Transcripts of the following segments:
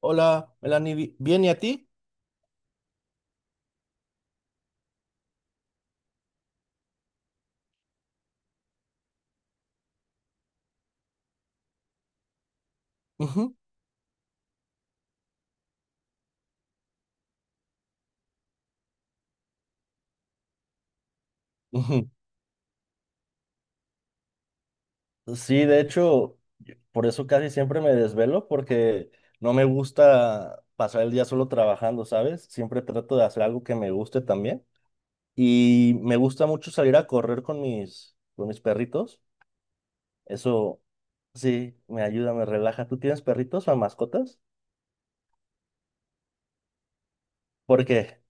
Hola, Melanie, ¿bien y a ti? Ujú, ujú. Sí, de hecho, por eso casi siempre me desvelo porque no me gusta pasar el día solo trabajando, ¿sabes? Siempre trato de hacer algo que me guste también. Y me gusta mucho salir a correr con mis perritos. Eso sí, me ayuda, me relaja. ¿Tú tienes perritos o mascotas? ¿Por qué?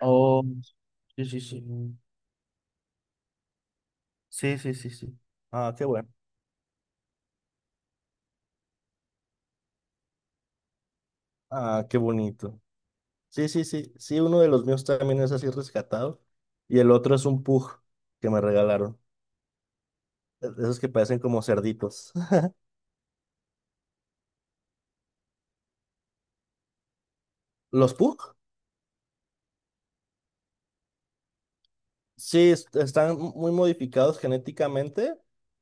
Oh, sí, sí, sí. Sí, sí, sí, sí. Ah, qué bueno. Ah, qué bonito. Sí, sí, sí, sí, uno de los míos también es así rescatado y el otro es un pug que me regalaron, esos que parecen como cerditos. ¿Los pug? Sí, están muy modificados genéticamente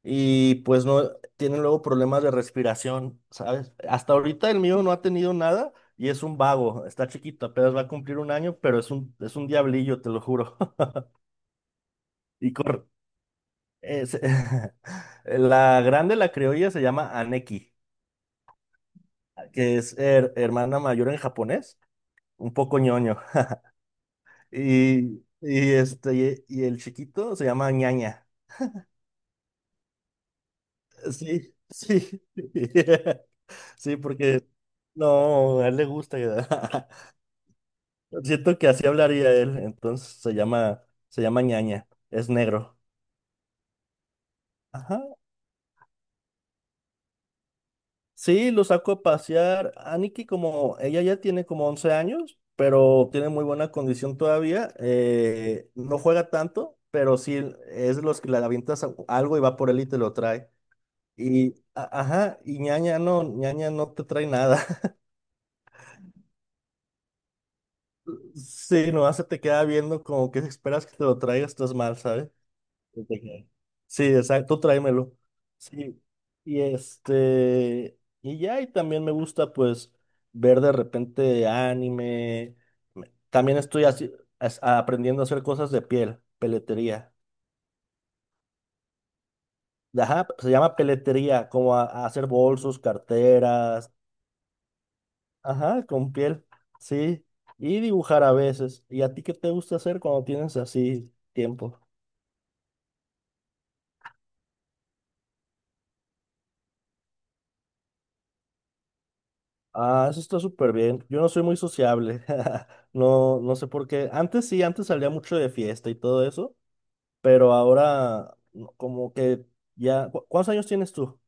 y pues no tienen luego problemas de respiración, ¿sabes? Hasta ahorita el mío no ha tenido nada y es un vago, está chiquito, apenas va a cumplir un año, pero es un diablillo, te lo juro. Y corre. es- La grande, la criolla, se llama Aneki. Que es hermana mayor en japonés, un poco ñoño. Y, y este, y el chiquito se llama ñaña. Sí, sí. Sí, porque no, a él le gusta. Siento que así hablaría él, entonces se llama ñaña, es negro. Ajá. Sí, lo saco a pasear. Aniki, como ella ya tiene como 11 años, pero tiene muy buena condición todavía, no juega tanto, pero sí es de los que le avientas algo y va por él y te lo trae. Y, ajá, y ñaña no te trae nada. Sí, nomás se te queda viendo como que esperas que te lo traiga, estás mal, ¿sabes? Yo te dije, sí, exacto, tú tráemelo. Sí, y este, y ya, y también me gusta pues ver de repente anime. También estoy así, aprendiendo a hacer cosas de piel, peletería. Ajá, se llama peletería, como a hacer bolsos, carteras, ajá, con piel, sí, y dibujar a veces. ¿Y a ti qué te gusta hacer cuando tienes así tiempo? Ah, eso está súper bien. Yo no soy muy sociable. No, no sé por qué. Antes sí, antes salía mucho de fiesta y todo eso, pero ahora no, como que ya. ¿Cuántos años tienes tú?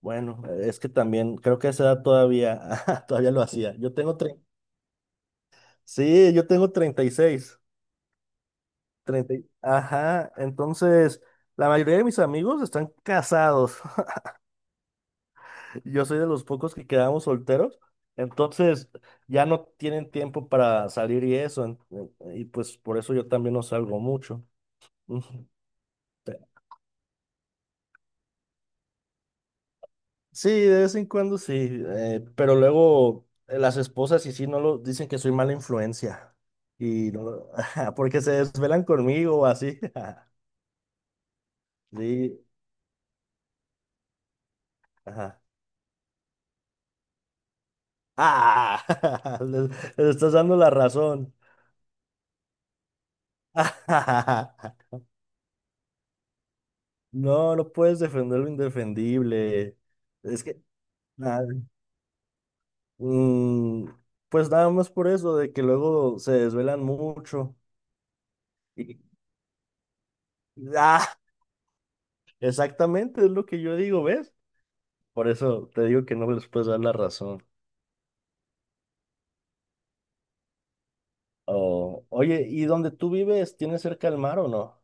Bueno, es que también creo que a esa edad todavía, todavía lo hacía. Yo tengo sí, yo tengo 36. 30, ajá, entonces la mayoría de mis amigos están casados. Yo soy de los pocos que quedamos solteros, entonces ya no tienen tiempo para salir y eso, y pues por eso yo también no salgo mucho. Ujú. Sí, de vez en cuando sí, pero luego las esposas y sí no lo dicen que soy mala influencia y no, ajá, porque se desvelan conmigo o así. Sí, ajá. Ah, les estás dando la razón. No, no puedes defender lo indefendible. Es que nada. Mm, pues nada más por eso, de que luego se desvelan mucho. Y, ah, exactamente, es lo que yo digo, ¿ves? Por eso te digo que no les puedes dar la razón. O, oye, ¿y donde tú vives, tienes cerca el mar o no?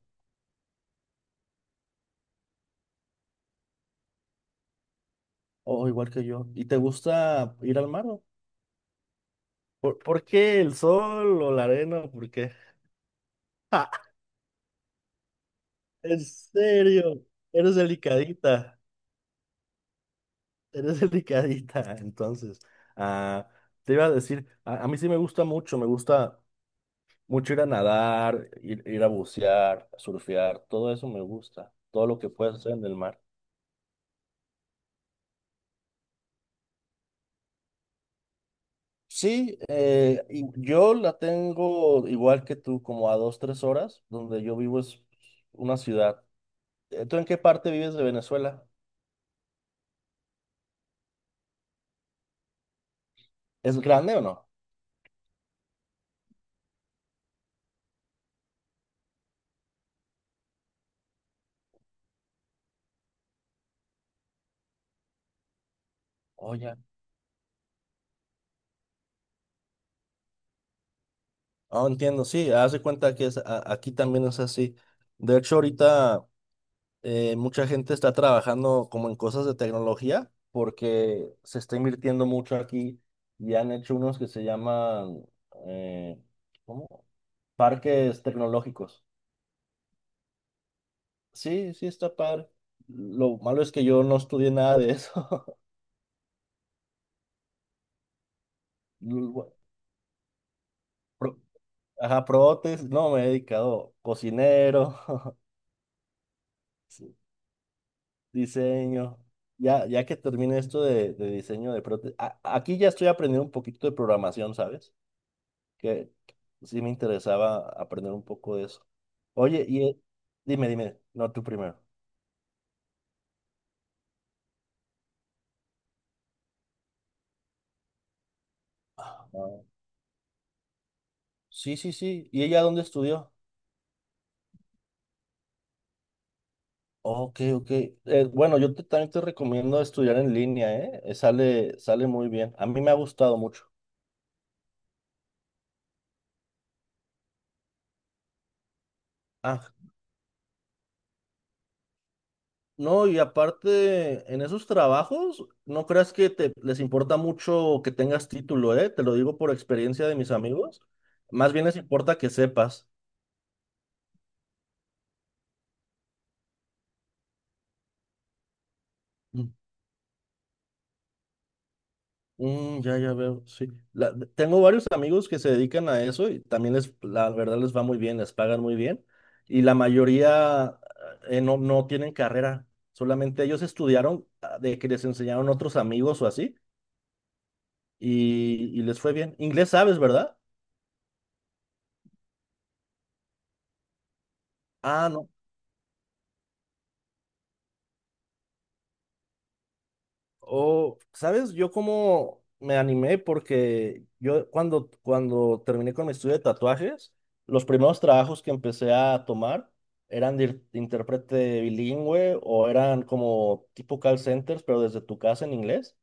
O igual que yo. ¿Y te gusta ir al mar? ¿O? ¿Por qué el sol o la arena? ¿O por qué? En serio, eres delicadita, eres delicadita. Entonces, ah, te iba a decir, a mí sí me gusta. Mucho ir a nadar, ir a bucear, surfear, todo eso me gusta, todo lo que puedes hacer en el mar. Sí, y yo la tengo igual que tú, como a 2, 3 horas, donde yo vivo es una ciudad. ¿Tú en qué parte vives de Venezuela? ¿Es grande o no? Oye, no entiendo, sí, haz de cuenta que es, aquí también es así. De hecho, ahorita, mucha gente está trabajando como en cosas de tecnología porque se está invirtiendo mucho aquí y han hecho unos que se llaman eh, ¿cómo? Parques tecnológicos. Sí, sí está padre. Lo malo es que yo no estudié nada de eso. Lu- pro- Ajá, prótesis, no, me he dedicado cocinero, sí, diseño. Ya, ya que termine esto de diseño de prótesis, aquí ya estoy aprendiendo un poquito de programación, ¿sabes? Que sí me interesaba aprender un poco de eso. Oye, y dime, dime, no tú primero. Ah, sí, sí, sí. ¿Y ella dónde estudió? Ok, ok. Bueno, yo también te recomiendo estudiar en línea, ¿eh? Sale, sale muy bien. A mí me ha gustado mucho. Ah, no, y aparte, en esos trabajos, no creas que te, les importa mucho que tengas título, ¿eh? Te lo digo por experiencia de mis amigos. Más bien les importa que sepas. Mm, ya, ya veo, sí. Tengo varios amigos que se dedican a eso y también les, la verdad les va muy bien, les pagan muy bien. Y la mayoría no, no tienen carrera, solamente ellos estudiaron ah, de que les enseñaron otros amigos o así y les fue bien. Inglés sabes, ¿verdad? Ah, no. Oh, ¿sabes? Yo como me animé porque yo cuando terminé con mi estudio de tatuajes, los primeros trabajos que empecé a tomar eran de intérprete bilingüe o eran como tipo call centers, pero desde tu casa en inglés.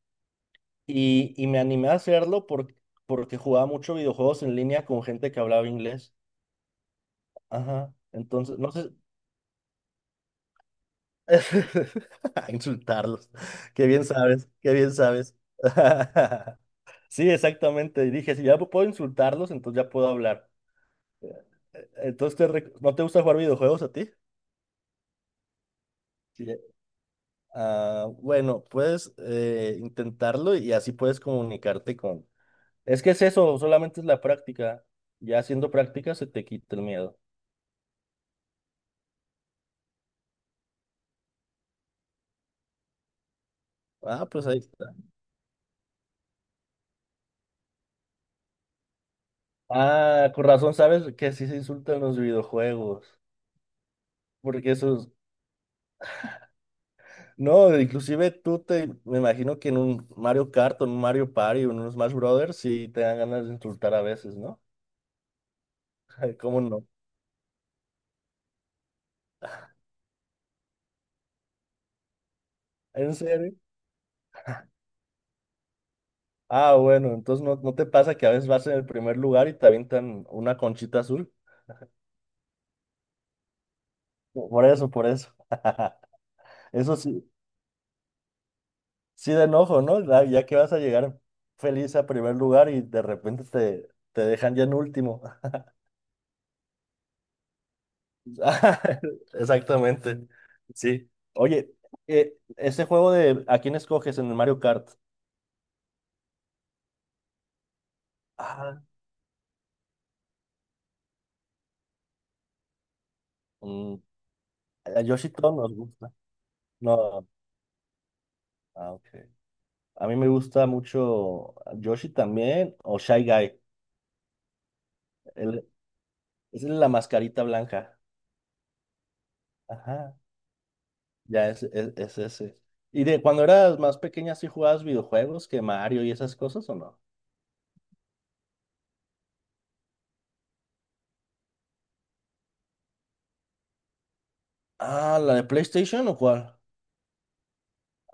Y me animé a hacerlo porque jugaba mucho videojuegos en línea con gente que hablaba inglés. Ajá. Entonces, no sé. A insultarlos. Qué bien sabes, qué bien sabes. Sí, exactamente. Y dije, si ya puedo insultarlos, entonces ya puedo hablar. Entonces, ¿no te gusta jugar videojuegos a ti? Sí. Ah, bueno, puedes intentarlo y así puedes comunicarte con. Es que es eso, solamente es la práctica. Ya haciendo práctica se te quita el miedo. Ah, pues ahí está. Ah, con razón sabes que así se insultan los videojuegos, porque eso no, inclusive tú me imagino que en un Mario Kart, o en un Mario Party, o en un Smash Brothers, sí te dan ganas de insultar a veces, ¿no? ¿Cómo no? ¿En serio? Ah, bueno, entonces no, no te pasa que a veces vas en el primer lugar y te avientan una conchita azul. Por eso, por eso. Eso sí, sí de enojo, ¿no? Ya ya que vas a llegar feliz a primer lugar y de repente te, dejan ya en último. Ah, exactamente. Sí. Oye, ese juego de ¿a quién escoges en el Mario Kart? Ah, mm, a Yoshi todos nos gusta. No, ah, ok. A mí me gusta mucho Yoshi también o Shy Guy. El- es la mascarita blanca. Ajá, ya es ese. ¿Y de cuando eras más pequeña sí jugabas videojuegos que Mario y esas cosas o no? Ah, ¿la de PlayStation o cuál?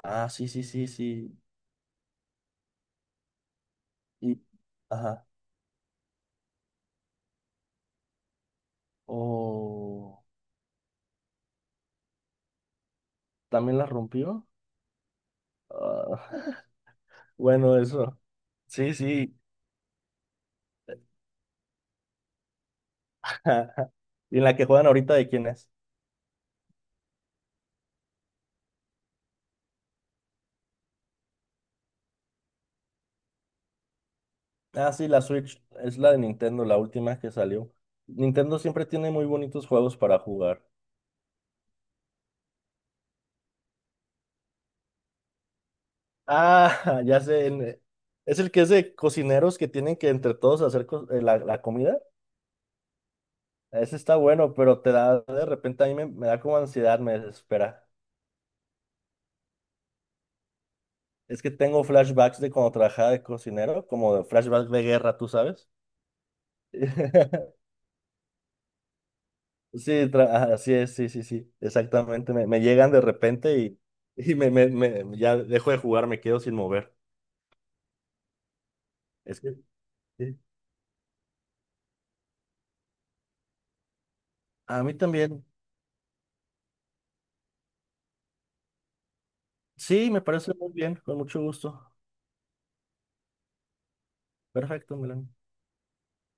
Ah, sí, sí, sí, sí. Y, ajá. O también la rompió. Ah, bueno, eso. Sí, sí. ¿Y en la que juegan ahorita de quién es? Ah, sí, la Switch es la de Nintendo, la última que salió. Nintendo siempre tiene muy bonitos juegos para jugar. Ah, ya sé. Es el que es de cocineros que tienen que entre todos hacer la comida. Ese está bueno, pero te da de repente a mí me da como ansiedad, me desespera. Es que tengo flashbacks de cuando trabajaba de cocinero, como de flashbacks de guerra, ¿tú sabes? Sí, ajá, así es, sí, sí, sí, exactamente. Me llegan de repente y, y ya dejo de jugar, me quedo sin mover. Es que sí. A mí también. Sí, me parece muy bien, con mucho gusto. Perfecto, Melanie.